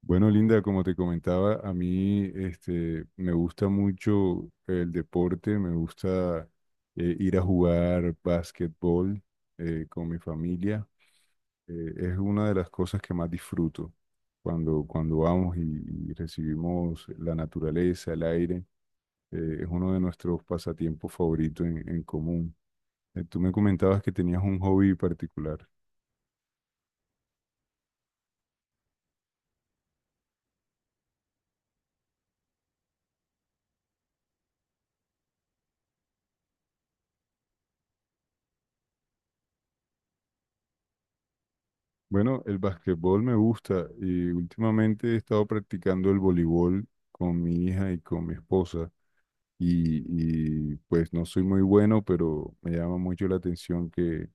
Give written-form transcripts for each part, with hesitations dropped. Bueno, Linda, como te comentaba, a mí me gusta mucho el deporte, me gusta ir a jugar básquetbol con mi familia. Es una de las cosas que más disfruto cuando vamos y recibimos la naturaleza, el aire. Es uno de nuestros pasatiempos favoritos en común. Tú me comentabas que tenías un hobby particular. Bueno, el básquetbol me gusta y últimamente he estado practicando el voleibol con mi hija y con mi esposa pues no soy muy bueno, pero me llama mucho la atención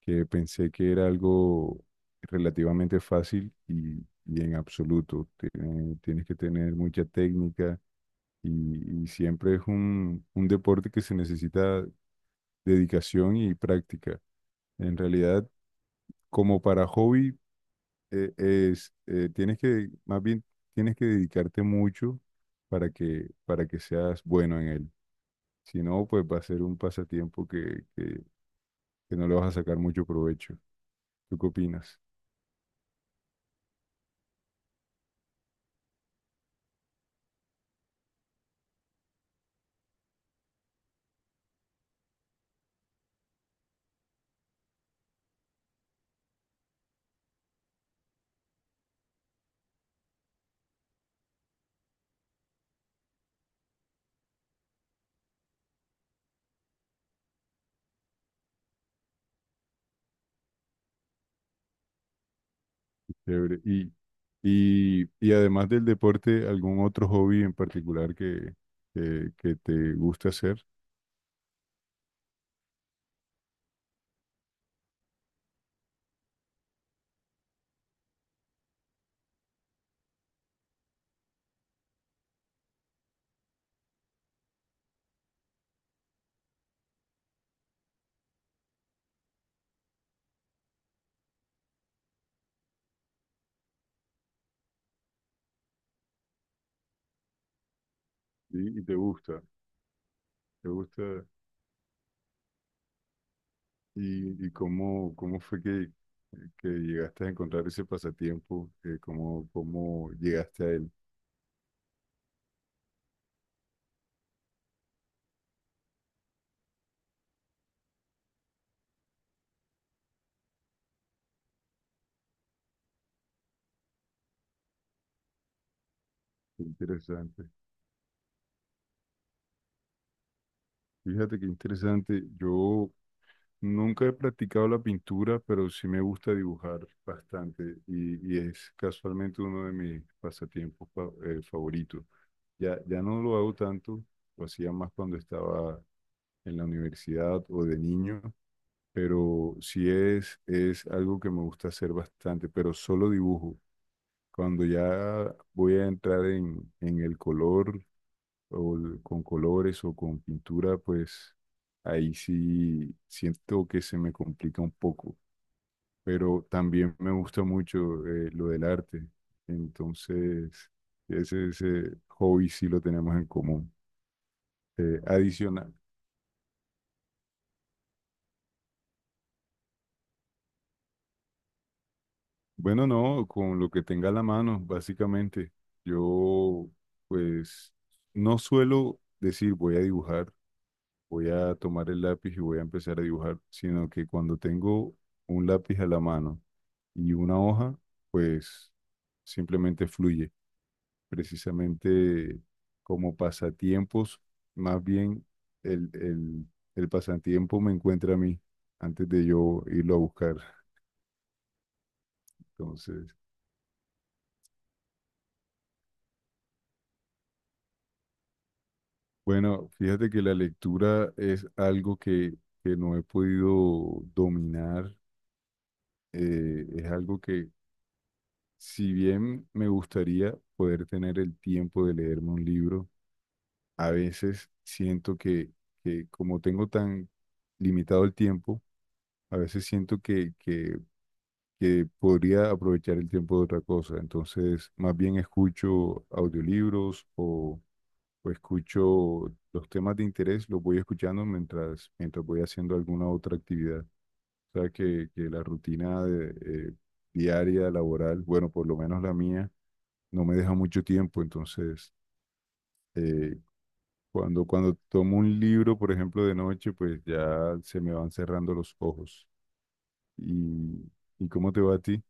que pensé que era algo relativamente fácil y en absoluto. Tienes que tener mucha técnica y siempre es un deporte que se necesita dedicación y práctica. En realidad, como para hobby tienes que, más bien, tienes que dedicarte mucho para que seas bueno en él. Si no, pues va a ser un pasatiempo que no le vas a sacar mucho provecho. ¿Tú qué opinas? Chévere. Y además del deporte, ¿algún otro hobby en particular que te gusta hacer? ¿Sí? Y te gusta, te gusta. ¿ Cómo fue que llegaste a encontrar ese pasatiempo? ¿Cómo, cómo llegaste a él? Qué interesante. Fíjate qué interesante. Yo nunca he practicado la pintura, pero sí me gusta dibujar bastante y es casualmente uno de mis pasatiempos favoritos. Ya no lo hago tanto, lo hacía más cuando estaba en la universidad o de niño, pero sí es algo que me gusta hacer bastante, pero solo dibujo. Cuando ya voy a entrar en el color o con colores o con pintura, pues ahí sí siento que se me complica un poco, pero también me gusta mucho lo del arte, entonces ese hobby sí lo tenemos en común. Adicional, bueno, no, con lo que tenga a la mano, básicamente, yo pues no suelo decir voy a dibujar, voy a tomar el lápiz y voy a empezar a dibujar, sino que cuando tengo un lápiz a la mano y una hoja, pues simplemente fluye. Precisamente como pasatiempos, más bien el, el, el pasatiempo me encuentra a mí antes de yo irlo a buscar. Entonces, bueno, fíjate que la lectura es algo que no he podido dominar, es algo que si bien me gustaría poder tener el tiempo de leerme un libro, a veces siento que como tengo tan limitado el tiempo, a veces siento que podría aprovechar el tiempo de otra cosa. Entonces, más bien escucho audiolibros o escucho los temas de interés, los voy escuchando mientras voy haciendo alguna otra actividad. O sea, que la rutina de, eh, diaria, laboral, bueno, por lo menos la mía no me deja mucho tiempo, entonces eh, cuando tomo un libro, por ejemplo, de noche, pues ya se me van cerrando los ojos. ¿Y, y cómo te va a ti?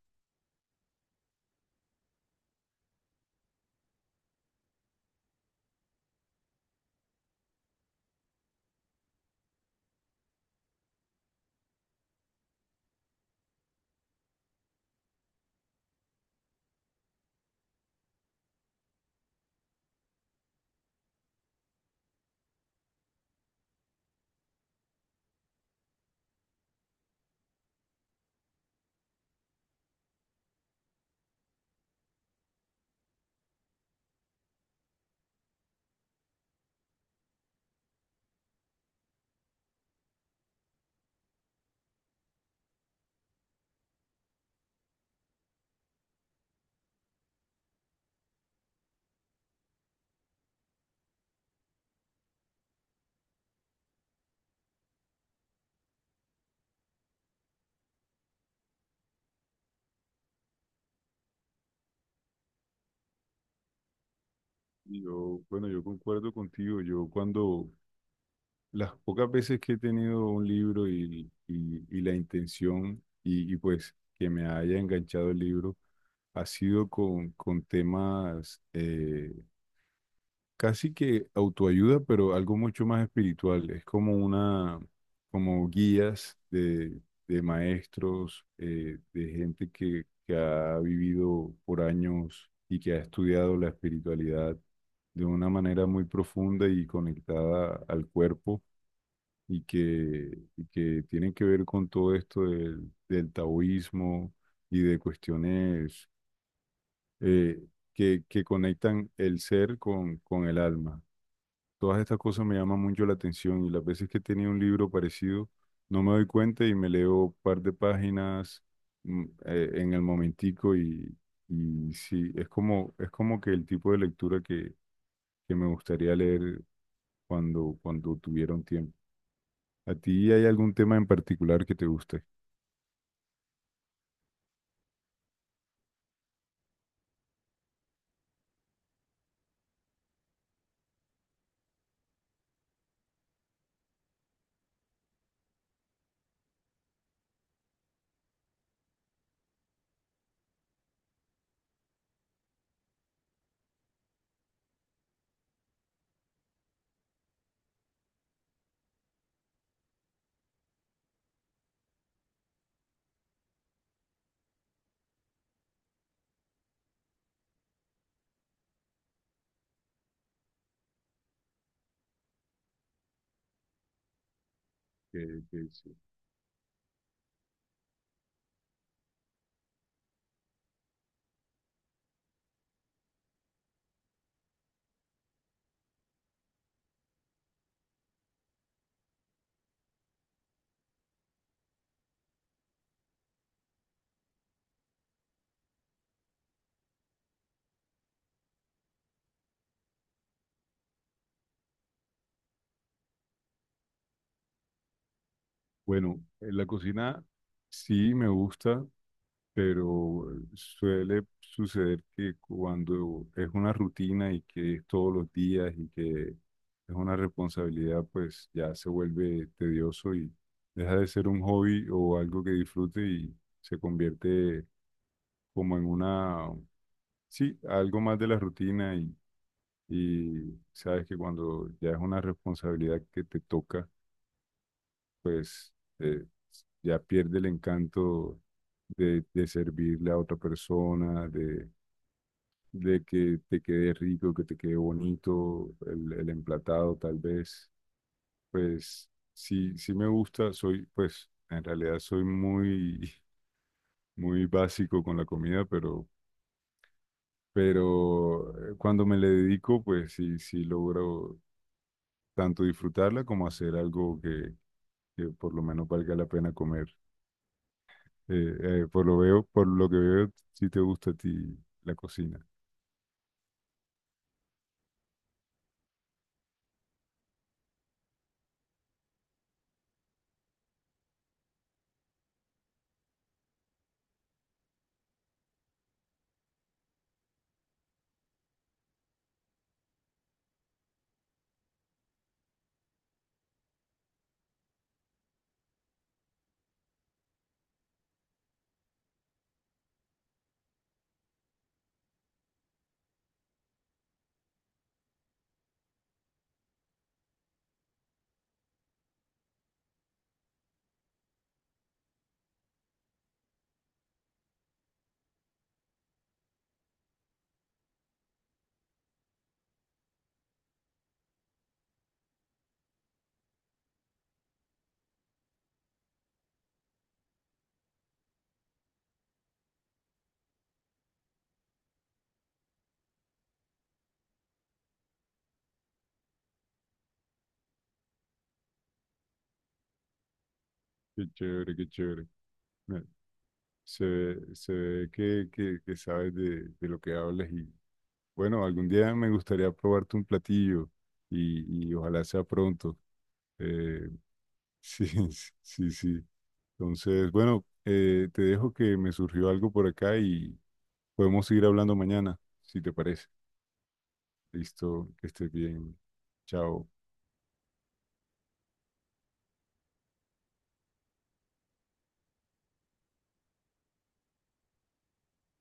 Yo, bueno, yo concuerdo contigo. Yo cuando las pocas veces que he tenido un libro y la intención pues que me haya enganchado el libro, ha sido con temas, casi que autoayuda, pero algo mucho más espiritual. Es como una, como guías de maestros, de gente que ha vivido por años y que ha estudiado la espiritualidad de una manera muy profunda y conectada al cuerpo y que tienen que ver con todo esto del, del taoísmo y de cuestiones eh, que conectan el ser con el alma. Todas estas cosas me llaman mucho la atención y las veces que tenía un libro parecido no me doy cuenta y me leo un par de páginas en el momentico y sí, es como que el tipo de lectura que me gustaría leer cuando tuviera un tiempo. ¿A ti hay algún tema en particular que te guste? Que sí. Bueno, en la cocina sí me gusta, pero suele suceder que cuando es una rutina y que es todos los días y que es una responsabilidad, pues ya se vuelve tedioso y deja de ser un hobby o algo que disfrute y se convierte como en una, sí, algo más de la rutina y sabes que cuando ya es una responsabilidad que te toca, pues eh, ya pierde el encanto de servirle a otra persona, de que te quede rico, que te quede bonito, el emplatado tal vez, pues sí, sí me gusta, soy, pues en realidad soy muy, muy básico con la comida, pero, pero cuando me le dedico, pues sí, sí logro tanto disfrutarla como hacer algo que por lo menos valga la pena comer. Eh, por lo veo, por lo que veo, sí te gusta a ti la cocina. Qué chévere, qué chévere. Me- se ve que sabes de lo que hablas y bueno, algún día me gustaría probarte un platillo y ojalá sea pronto. Eh, sí, sí, sí. Entonces, bueno, te dejo que me surgió algo por acá y podemos seguir hablando mañana, si te parece. Listo, que estés bien. Chao.